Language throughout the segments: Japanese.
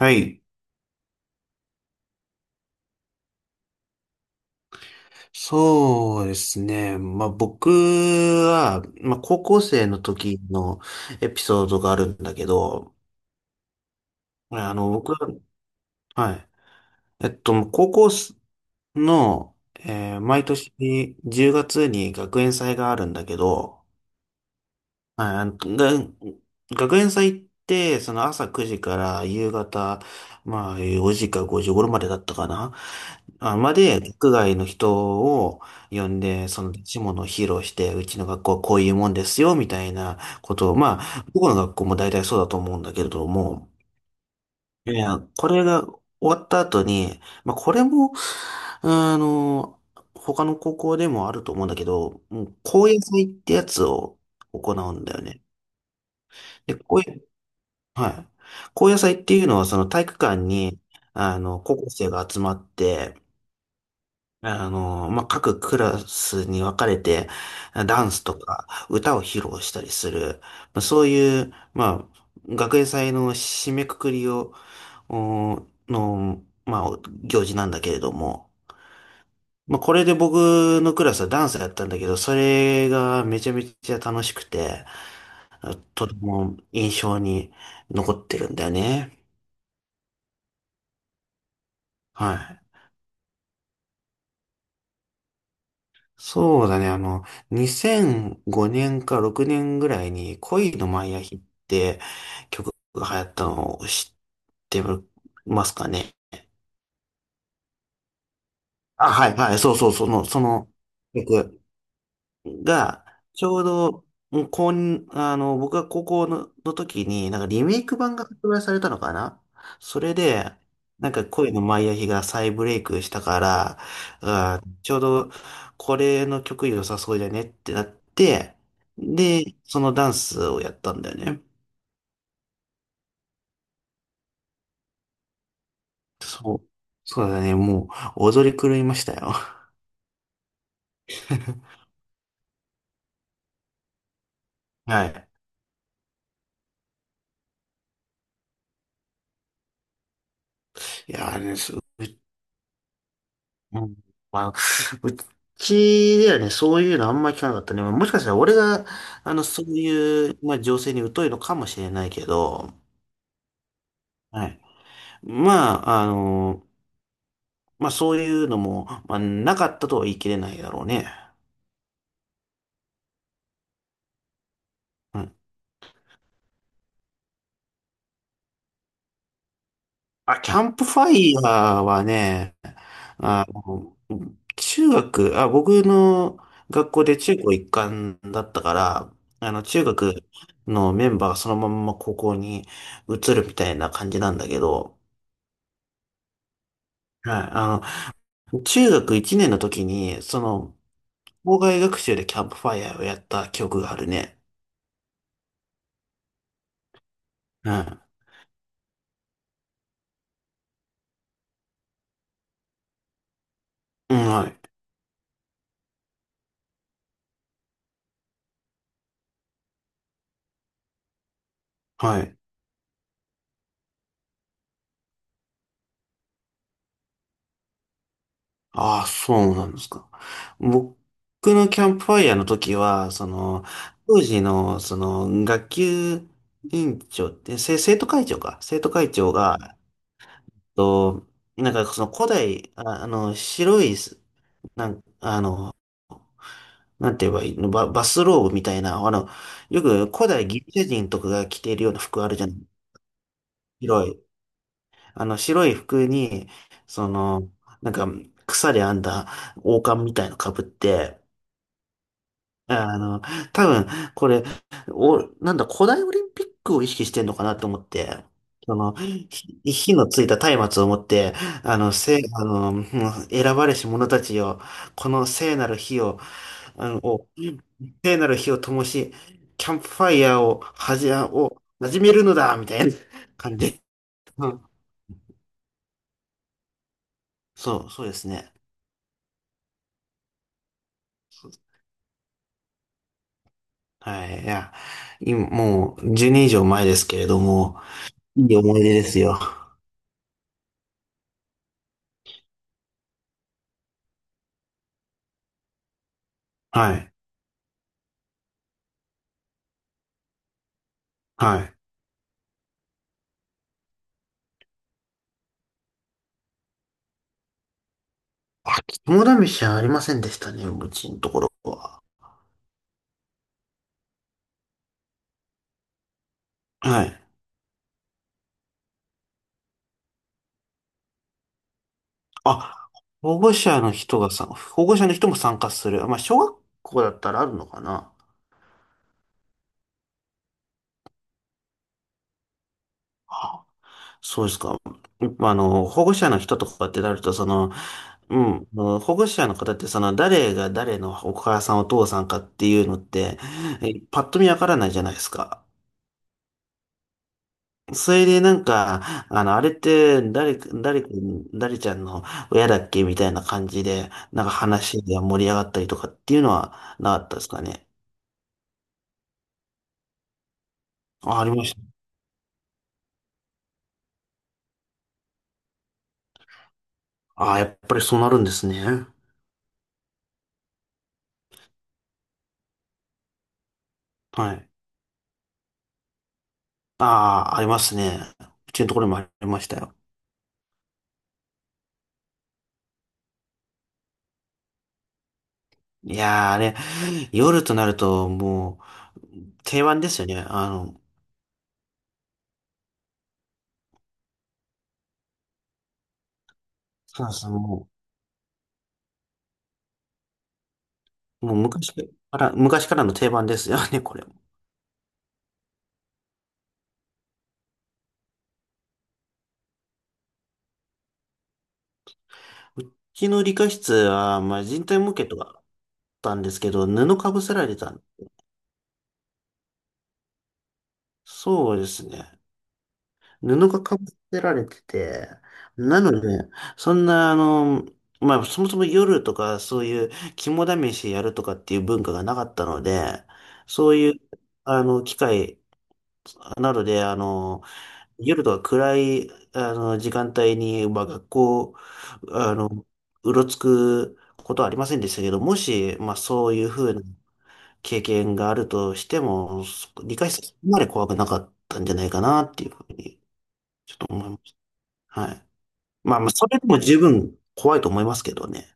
はい。そうですね。まあ、僕は、まあ、高校生の時のエピソードがあるんだけど、僕は、はい。高校の、毎年10月に学園祭があるんだけど、はい、学園祭って、その朝9時から夕方、まあ4時か5時頃までだったかな。あ、まで、学外の人を呼んで、その出し物を披露して、うちの学校はこういうもんですよ、みたいなことを、まあ、どこの学校も大体そうだと思うんだけれども、いや、これが終わった後に、まあ、これも、あの、他の高校でもあると思うんだけど、もう、高野祭ってやつを行うんだよね。で、こういう、はい。高野祭っていうのは、その体育館に、高校生が集まって、まあ、各クラスに分かれて、ダンスとか歌を披露したりする、まあ、そういう、まあ、学園祭の締めくくりを、まあ、行事なんだけれども、まあ、これで僕のクラスはダンスやったんだけど、それがめちゃめちゃ楽しくて、とても印象に残ってるんだよね。はい。そうだね。2005年か6年ぐらいに恋のマイアヒって曲が流行ったのを知ってますかね？あ、はい、はい。そうそう、その曲。が、ちょうど、もうこん、あの、僕が高校の時に、なんかリメイク版が発売されたのかな。それで、なんか恋のマイアヒが再ブレイクしたから、ちょうどこれの曲良さそうじゃねってなって、で、そのダンスをやったんだよね。そう。そうだね。もう踊り狂いましたよ。はい。いやーね、すううん、まあ、うちではね、そういうのあんまり聞かなかったね。もしかしたら俺が、そういう、まあ、情勢に疎いのかもしれないけど、はい。まあ、まあ、そういうのも、まあ、なかったとは言い切れないだろうね。うんあ、キャンプファイヤーはね、あの、中学、あ、僕の学校で中高一貫だったから、中学のメンバーがそのまんま高校に移るみたいな感じなんだけど、はい、中学1年の時に、その、校外学習でキャンプファイヤーをやった記憶があるね。はい。うん、はい。はい。ああ、そうなんですか？僕のキャンプファイヤーの時は、その、当時の、その、学級委員長って、生徒会長か。生徒会長が、っと、なんかその古代、あ、あの、白いす、なん、あの、なんて言えばいいの、バスローブみたいな、よく古代ギリシャ人とかが着ているような服あるじゃない。白い。白い服に、その、なんか、草で編んだ王冠みたいの被って、あの、多分、これ、お、なんだ、古代オリンピックを意識してんのかなと思って、その、火のついた松明を持って、あの、せ、あの、もう選ばれし者たちよ、この聖なる火を、あの、を聖なる火を灯し、キャンプファイヤーを、はじ、を始めるのだみたいな 感じ。うんそう、そうですね。はい、いや、今、もう、10年以上前ですけれども、いい思い出ですよ。はい、はい。あ、肝試しはありませんでしたね、うちのところは。はい。あ、保護者の人がさ、保護者の人も参加する。まあ、小学校だったらあるのかな。あ、そうですか？まあの、保護者の人とかってなると、その、保護者の方って、その、誰が誰のお母さん、お父さんかっていうのって、パッと見わからないじゃないですか。それでなんか、あれって誰か、誰ちゃんの親だっけみたいな感じで、なんか話が盛り上がったりとかっていうのはなかったですかね？あ、ありました。あ、やっぱりそうなるんですね。はい。ああ、ありますね。うちのところにもありましたよ。いやー、あれ、夜となるともう定番ですよね。そうそう、もう昔からの定番ですよね、これ。うちの理科室は、まあ、人体模型とかたんですけど、布かぶせられてたん。そうですね。布がかぶせられてて、なので、そんな、まあ、そもそも夜とか、そういう肝試しやるとかっていう文化がなかったので、そういう、機会などで、夜とか暗い、時間帯に、まあ、学校、あの、うろつくことはありませんでしたけど、もし、まあ、そういうふうな、経験があるとしても、理解するそこまで怖くなかったんじゃないかなっていうふうに、ちょっと思います。はい。まあまあ、それでも十分怖いと思いますけどね。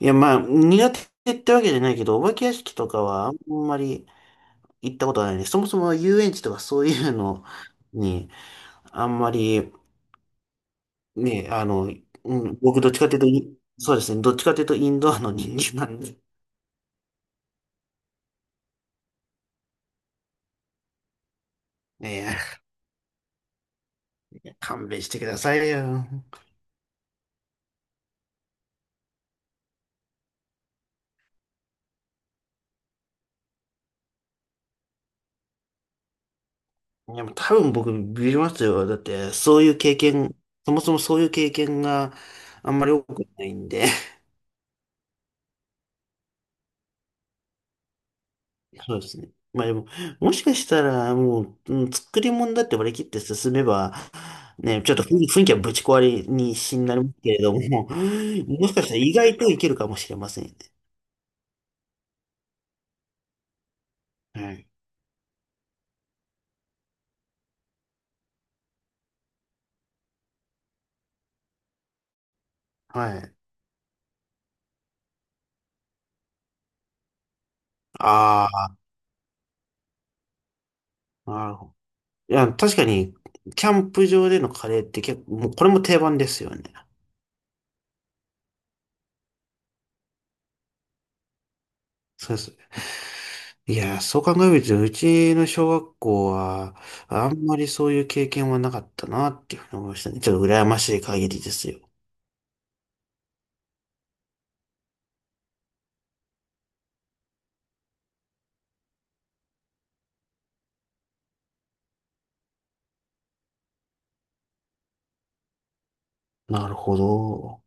いや、まあ、苦手ってわけじゃないけど、お化け屋敷とかはあんまり行ったことないね。そもそも遊園地とかそういうのに、あんまり、ね、僕どっちかというとそうですね、どっちかというとインドアの人間なんで、ねえ、勘弁してくださいよ。いや、もう多分僕ビビりますよ。だって、そういう経験、そもそもそういう経験があんまり多くないんで。そうですね。まあでも、もしかしたら、もう、作り物だって割り切って進めば、ね、ちょっと雰囲気はぶち壊れにしになりますけれども、もしかしたら意外といけるかもしれませんよね。はい。はい。ああ、なるほど。いや、確かに、キャンプ場でのカレーって結構、もうこれも定番ですよね。そうそう。いやー、そう考えると、うちの小学校は、あんまりそういう経験はなかったなっていうふうに思いましたね。ちょっと羨ましい限りですよ。なるほど。